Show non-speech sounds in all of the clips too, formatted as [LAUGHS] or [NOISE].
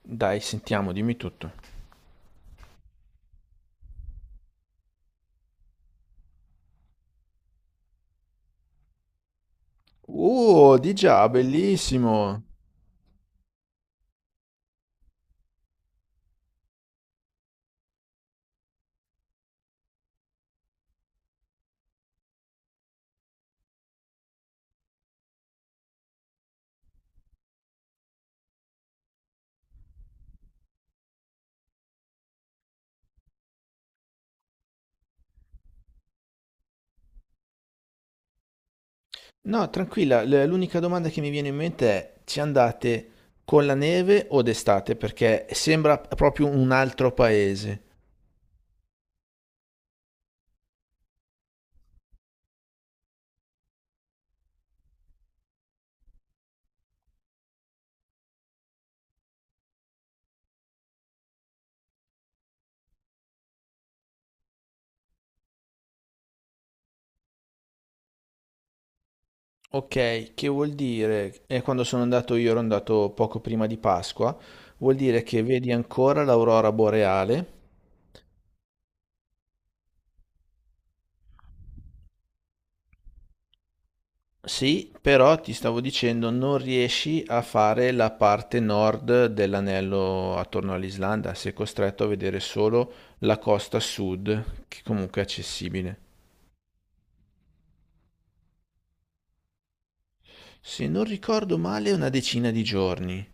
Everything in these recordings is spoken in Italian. Dai, sentiamo, dimmi tutto. Oh, di già, bellissimo. No, tranquilla, l'unica domanda che mi viene in mente è, ci andate con la neve o d'estate? Perché sembra proprio un altro paese. Ok, che vuol dire? E quando sono andato io ero andato poco prima di Pasqua, vuol dire che vedi ancora l'aurora boreale. Sì, però ti stavo dicendo, non riesci a fare la parte nord dell'anello attorno all'Islanda, sei costretto a vedere solo la costa sud, che comunque è accessibile. Se non ricordo male, una decina di giorni.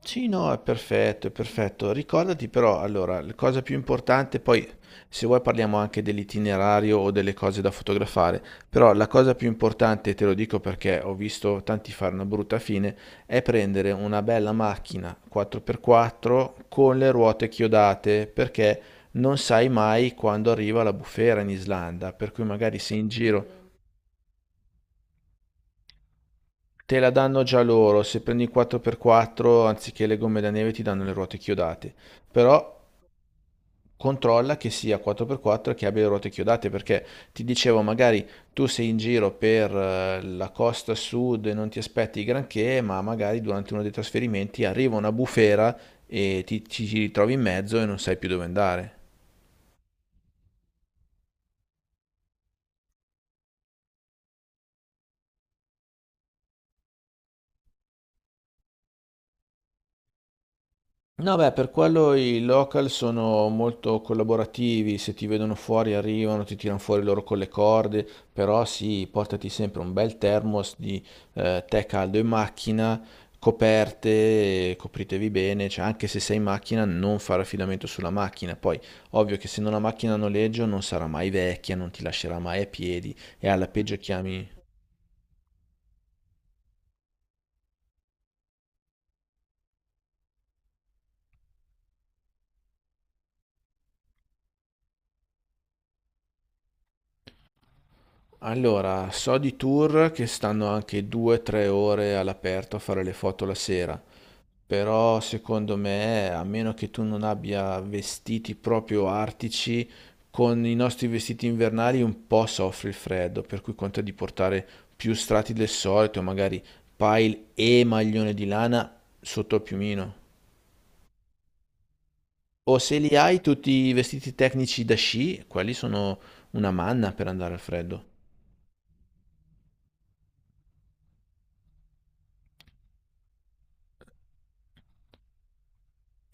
Sì, no, è perfetto, è perfetto. Ricordati però, allora, la cosa più importante, poi se vuoi parliamo anche dell'itinerario o delle cose da fotografare, però la cosa più importante, te lo dico perché ho visto tanti fare una brutta fine, è prendere una bella macchina 4x4 con le ruote chiodate, perché non sai mai quando arriva la bufera in Islanda, per cui magari sei in giro, te la danno già loro, se prendi il 4x4 anziché le gomme da neve ti danno le ruote chiodate. Però controlla che sia 4x4 e che abbia le ruote chiodate, perché ti dicevo, magari tu sei in giro per la costa sud e non ti aspetti granché, ma magari durante uno dei trasferimenti arriva una bufera e ti ritrovi in mezzo e non sai più dove andare. No, beh, per quello i local sono molto collaborativi, se ti vedono fuori arrivano, ti tirano fuori loro con le corde, però sì, portati sempre un bel thermos di tè caldo in macchina, coperte, copritevi bene, cioè anche se sei in macchina non fare affidamento sulla macchina, poi ovvio che se non la macchina a noleggio non sarà mai vecchia, non ti lascerà mai a piedi e alla peggio chiami... Allora, so di tour che stanno anche 2-3 ore all'aperto a fare le foto la sera. Però secondo me, a meno che tu non abbia vestiti proprio artici, con i nostri vestiti invernali un po' soffre il freddo, per cui conta di portare più strati del solito, magari pile e maglione di lana sotto al piumino. O se li hai tutti i vestiti tecnici da sci, quelli sono una manna per andare al freddo.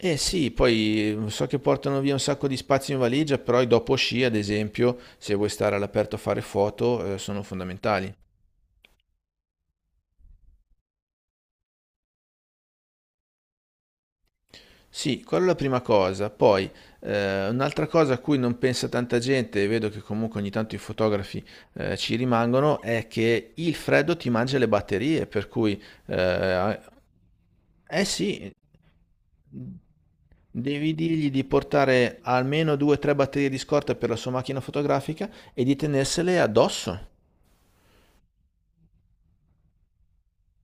Eh sì, poi so che portano via un sacco di spazio in valigia, però i dopo sci, ad esempio, se vuoi stare all'aperto a fare foto, sono fondamentali. Sì, quella è la prima cosa. Poi, un'altra cosa a cui non pensa tanta gente, e vedo che comunque ogni tanto i fotografi ci rimangono, è che il freddo ti mangia le batterie, per cui, eh, eh sì, devi dirgli di portare almeno 2 o 3 batterie di scorta per la sua macchina fotografica e di tenersele addosso.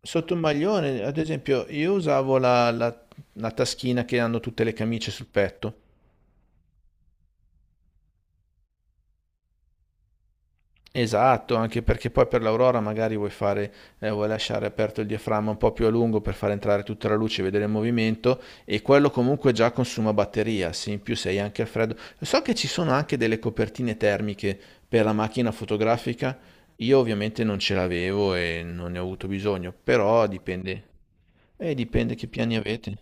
Sotto un maglione, ad esempio, io usavo la taschina che hanno tutte le camicie sul petto. Esatto, anche perché poi per l'Aurora magari vuoi fare, vuoi lasciare aperto il diaframma un po' più a lungo per far entrare tutta la luce e vedere il movimento e quello comunque già consuma batteria, sì, in più sei anche al freddo. So che ci sono anche delle copertine termiche per la macchina fotografica, io ovviamente non ce l'avevo e non ne ho avuto bisogno, però dipende, dipende che piani avete.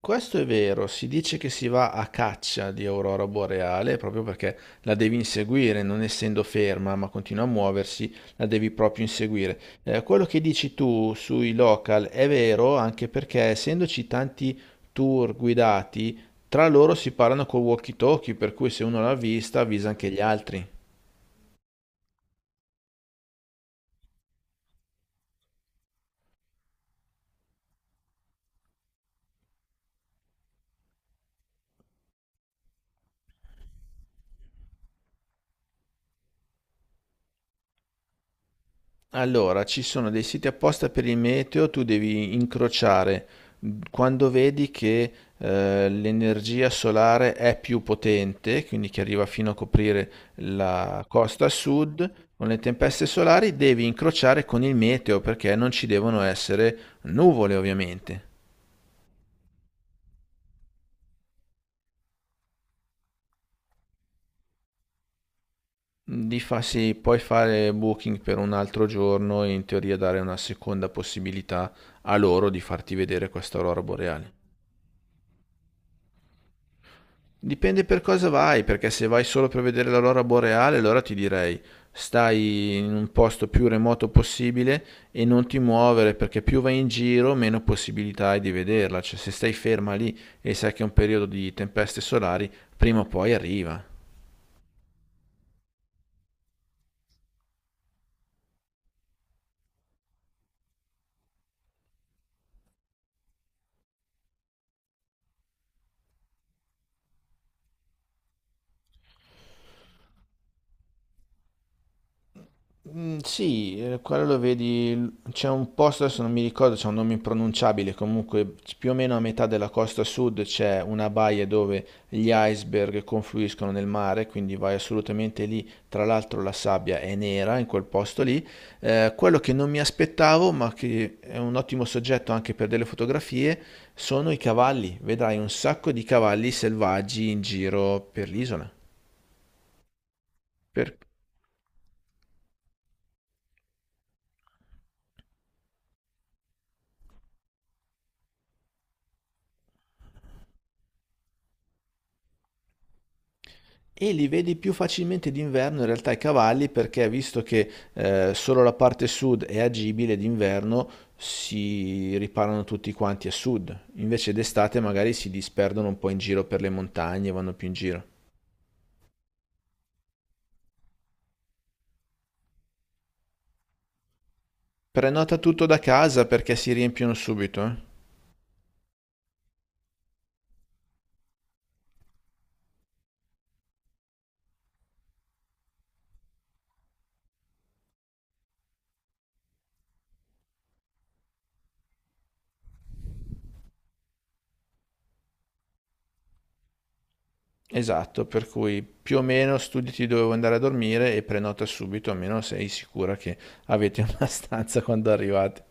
Questo è vero, si dice che si va a caccia di aurora boreale proprio perché la devi inseguire, non essendo ferma ma continua a muoversi, la devi proprio inseguire. Quello che dici tu sui local è vero anche perché essendoci tanti tour guidati, tra loro si parlano col walkie-talkie, per cui se uno l'ha vista avvisa anche gli altri. Allora, ci sono dei siti apposta per il meteo, tu devi incrociare quando vedi che l'energia solare è più potente, quindi che arriva fino a coprire la costa a sud, con le tempeste solari devi incrociare con il meteo perché non ci devono essere nuvole, ovviamente. Di farsi puoi fare booking per un altro giorno e in teoria dare una seconda possibilità a loro di farti vedere questa aurora boreale. Dipende per cosa vai, perché se vai solo per vedere l'aurora boreale, allora ti direi stai in un posto più remoto possibile e non ti muovere, perché più vai in giro, meno possibilità hai di vederla. Cioè, se stai ferma lì e sai che è un periodo di tempeste solari, prima o poi arriva. Mm, sì, quello lo vedi, c'è un posto, adesso non mi ricordo, c'è un nome impronunciabile, comunque più o meno a metà della costa sud c'è una baia dove gli iceberg confluiscono nel mare, quindi vai assolutamente lì, tra l'altro la sabbia è nera in quel posto lì. Quello che non mi aspettavo, ma che è un ottimo soggetto anche per delle fotografie, sono i cavalli, vedrai un sacco di cavalli selvaggi in giro per l'isola. Per- E li vedi più facilmente d'inverno in realtà i cavalli perché visto che solo la parte sud è agibile d'inverno si riparano tutti quanti a sud, invece d'estate magari si disperdono un po' in giro per le montagne, vanno più in giro. Prenota tutto da casa perché si riempiono subito, eh? Esatto, per cui più o meno studiati dove vuoi andare a dormire e prenota subito, almeno sei sicura che avete [LAUGHS] una stanza quando arrivate.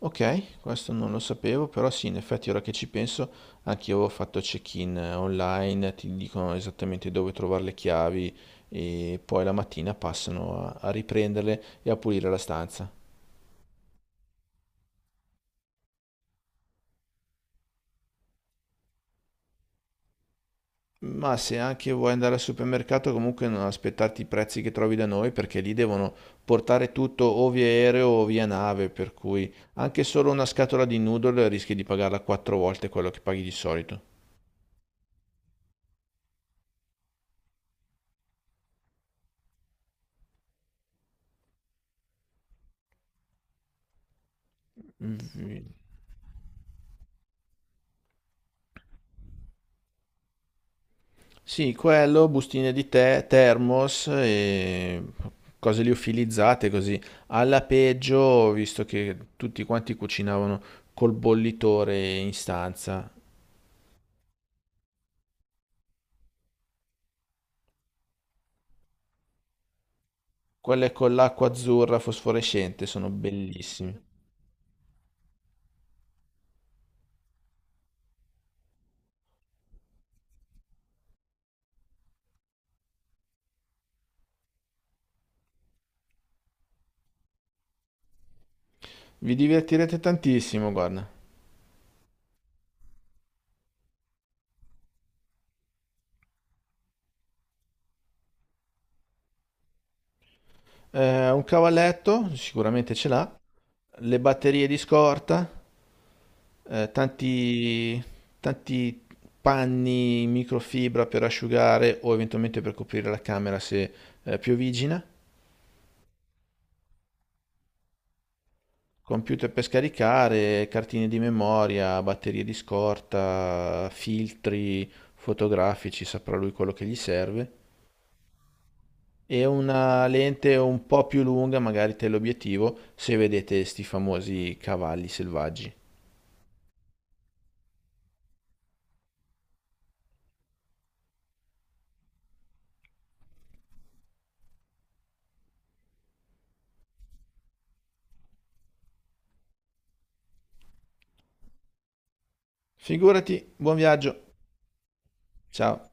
Ok, questo non lo sapevo, però sì, in effetti ora che ci penso, anche io avevo fatto check-in online, ti dicono esattamente dove trovare le chiavi e poi la mattina passano a riprenderle e a pulire la stanza. Ma se anche vuoi andare al supermercato, comunque non aspettarti i prezzi che trovi da noi, perché lì devono portare tutto o via aereo o via nave, per cui anche solo una scatola di noodle rischi di pagarla 4 volte quello che paghi di solito. Sì, quello, bustine di tè, thermos e cose liofilizzate così. Alla peggio, ho visto che tutti quanti cucinavano col bollitore in stanza. Quelle con l'acqua azzurra fosforescente sono bellissime. Vi divertirete tantissimo, guarda. Un cavalletto, sicuramente ce l'ha. Le batterie di scorta. eh, tanti, tanti panni in microfibra per asciugare o eventualmente per coprire la camera se piovigina, computer per scaricare, cartine di memoria, batterie di scorta, filtri fotografici, saprà lui quello che gli serve. E una lente un po' più lunga, magari teleobiettivo, se vedete sti famosi cavalli selvaggi. Figurati, buon viaggio. Ciao.